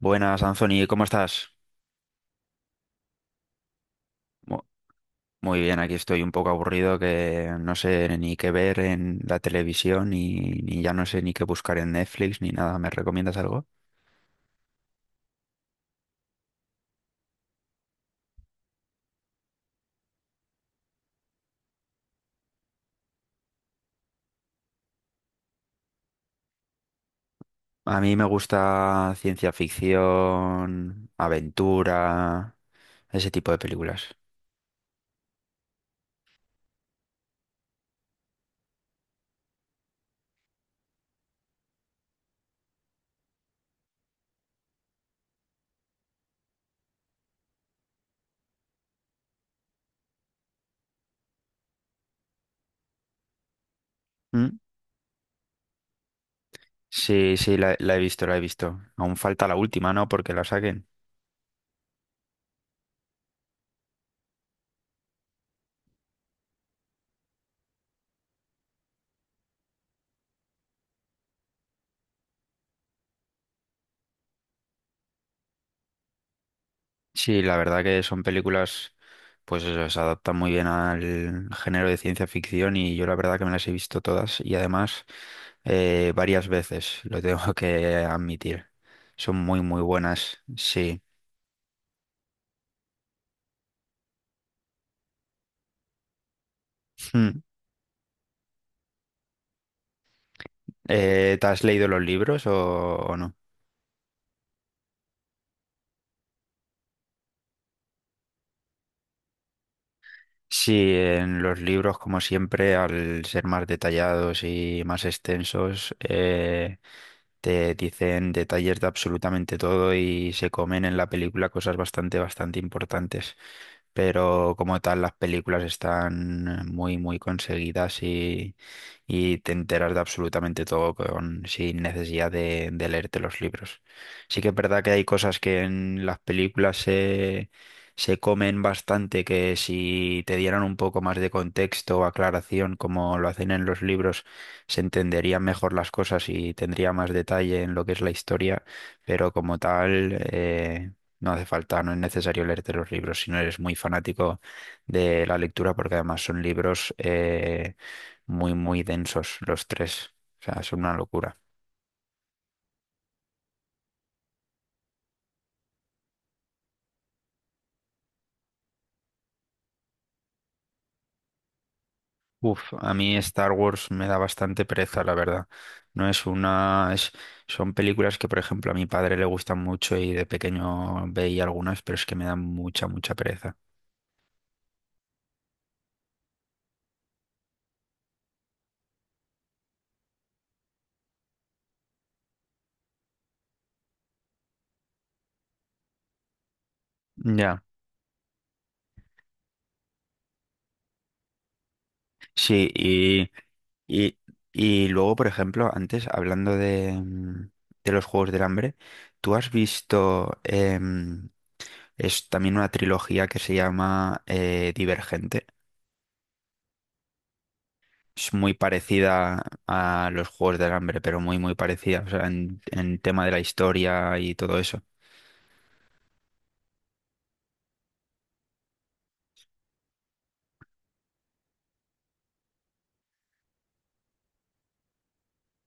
Buenas, Anthony, ¿cómo estás? Mu- Muy bien, aquí estoy un poco aburrido que no sé ni qué ver en la televisión ni ya no sé ni qué buscar en Netflix ni nada. ¿Me recomiendas algo? A mí me gusta ciencia ficción, aventura, ese tipo de películas. ¿Mm? Sí, sí, la he visto, la he visto. Aún falta la última, ¿no? Porque la saquen. Sí, la verdad que son películas, pues eso, se adaptan muy bien al género de ciencia ficción y yo la verdad que me las he visto todas y además varias veces, lo tengo que admitir. Son muy, muy buenas, sí. Mm. ¿Te has leído los libros o no? Sí, en los libros, como siempre, al ser más detallados y más extensos, te dicen detalles de absolutamente todo y se comen en la película cosas bastante, bastante importantes. Pero como tal, las películas están muy, muy conseguidas y te enteras de absolutamente todo con, sin necesidad de leerte los libros. Sí que es verdad que hay cosas que en las películas se comen bastante, que si te dieran un poco más de contexto o aclaración, como lo hacen en los libros, se entenderían mejor las cosas y tendría más detalle en lo que es la historia, pero como tal, no hace falta, no es necesario leerte los libros si no eres muy fanático de la lectura, porque además son libros muy, muy densos los tres. O sea, son una locura. Uf, a mí Star Wars me da bastante pereza, la verdad. No es una... son películas que, por ejemplo, a mi padre le gustan mucho y de pequeño veía algunas, pero es que me dan mucha, mucha pereza. Ya. Sí, y, y luego, por ejemplo, antes, hablando de de los Juegos del Hambre, ¿tú has visto, es también una trilogía que se llama Divergente? Es muy parecida a los Juegos del Hambre, pero muy, muy parecida, o sea, en tema de la historia y todo eso.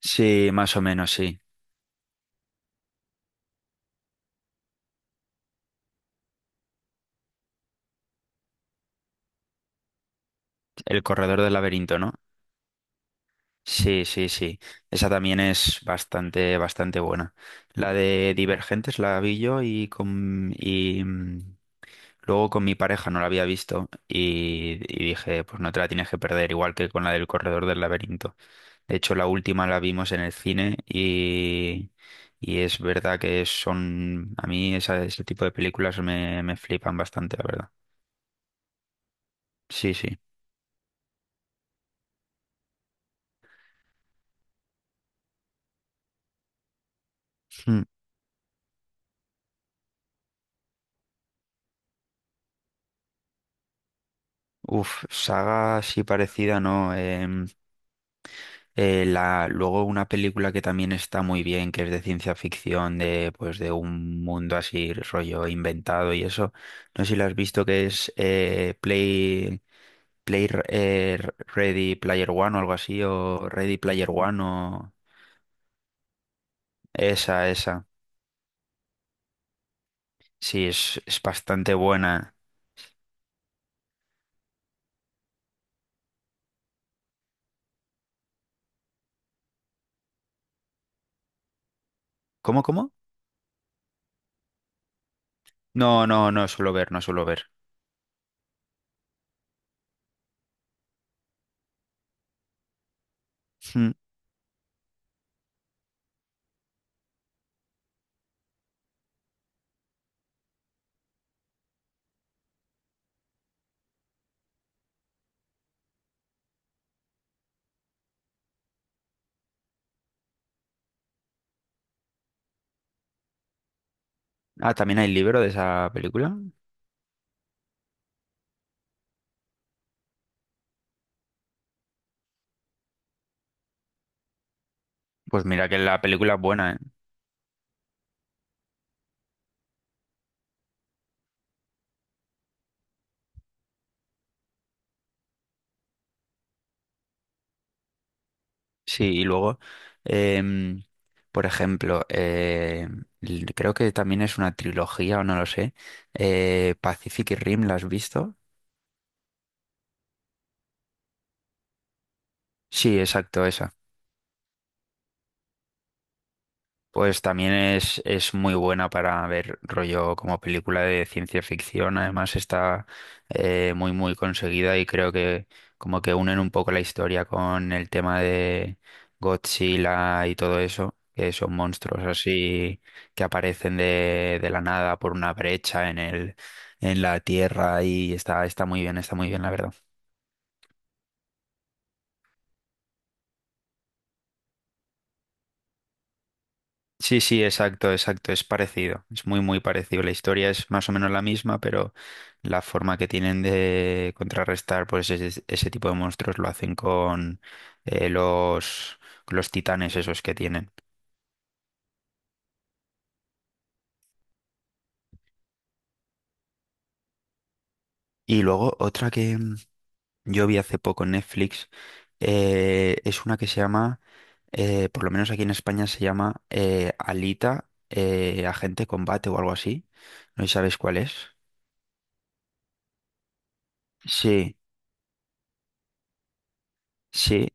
Sí, más o menos, sí. El Corredor del Laberinto, ¿no? Sí, sí, sí. Esa también es bastante, bastante buena. La de Divergentes la vi yo y con y luego con mi pareja no la había visto y dije, pues no te la tienes que perder, igual que con la del Corredor del Laberinto. De hecho, la última la vimos en el cine y es verdad que son, a mí ese tipo de películas me flipan bastante, la verdad. Sí, sí. Mm. Uf, saga así parecida, ¿no? Luego una película que también está muy bien, que es de ciencia ficción, de pues de un mundo así rollo inventado y eso. No sé si la has visto que es Ready Player One o algo así, o Ready Player One o Esa, esa. Sí, es bastante buena. ¿Cómo, cómo? No, no, no suelo ver, no suelo ver. Mm. Ah, también hay libro de esa película. Pues mira que la película es buena, ¿eh? Sí, y luego, em, por ejemplo, creo que también es una trilogía, o no lo sé, Pacific Rim, ¿la has visto? Sí, exacto, esa. Pues también es muy buena para ver rollo como película de ciencia ficción. Además está muy muy conseguida y creo que como que unen un poco la historia con el tema de Godzilla y todo eso, que son monstruos así que aparecen de la nada por una brecha en en la tierra y está, está muy bien la verdad. Sí, sí, exacto, exacto, es parecido, es muy, muy parecido. La historia es más o menos la misma, pero la forma que tienen de contrarrestar pues ese tipo de monstruos lo hacen con eh, los, los titanes esos que tienen. Y luego otra que yo vi hace poco en Netflix es una que se llama, por lo menos aquí en España se llama Alita, Agente Combate o algo así. No sé si sabes cuál es. Sí, sí.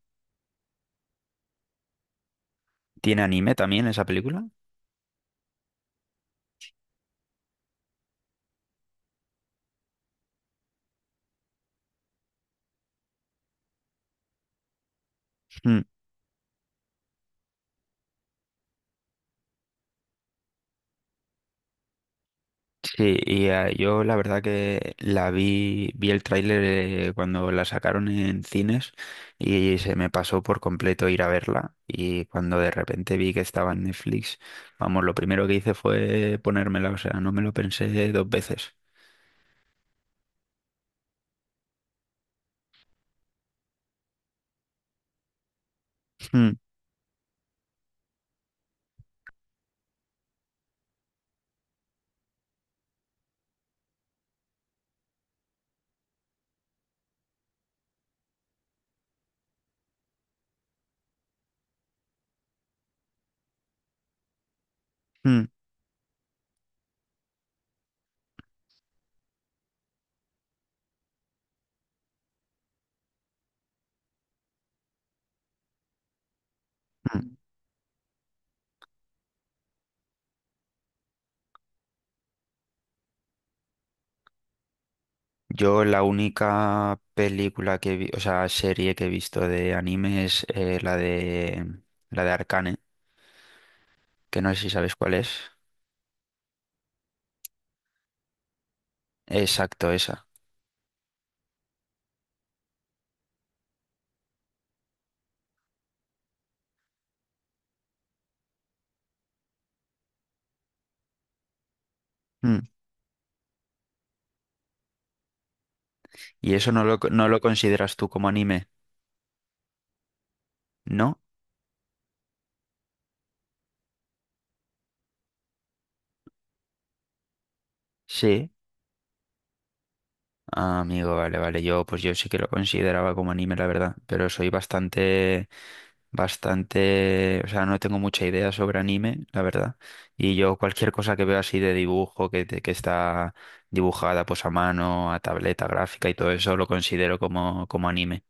¿Tiene anime también esa película? Mm. Sí, y ah, yo la verdad que la vi, vi el tráiler cuando la sacaron en cines y se me pasó por completo ir a verla y cuando de repente vi que estaba en Netflix, vamos, lo primero que hice fue ponérmela, o sea, no me lo pensé dos veces. Mm, mm, mm. Yo la única película que vi, o sea, serie que he visto de anime es la de Arcane, que no sé si sabes cuál es. Exacto, esa. Y eso no no lo consideras tú como anime, ¿no? Sí. Ah, amigo, vale, vale. Yo, pues yo sí que lo consideraba como anime, la verdad. Pero soy bastante, bastante, o sea, no tengo mucha idea sobre anime, la verdad. Y yo cualquier cosa que veo así de dibujo, que está dibujada pues a mano, a tableta gráfica y todo eso, lo considero como, como anime.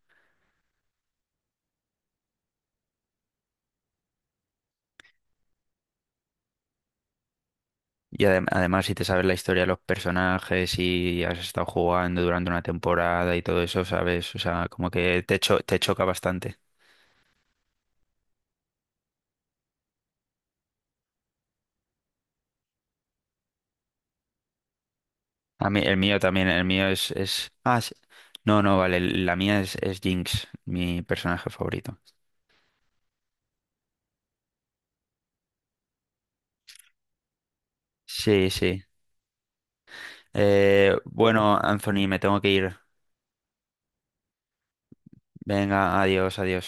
Y además, si te sabes la historia de los personajes y has estado jugando durante una temporada y todo eso, ¿sabes? O sea, como que te choca bastante. A mí, el mío también, el mío es... Ah, sí. No, no, vale, la mía es Jinx, mi personaje favorito. Sí, sí. Bueno, Anthony, me tengo que ir. Venga, adiós, adiós.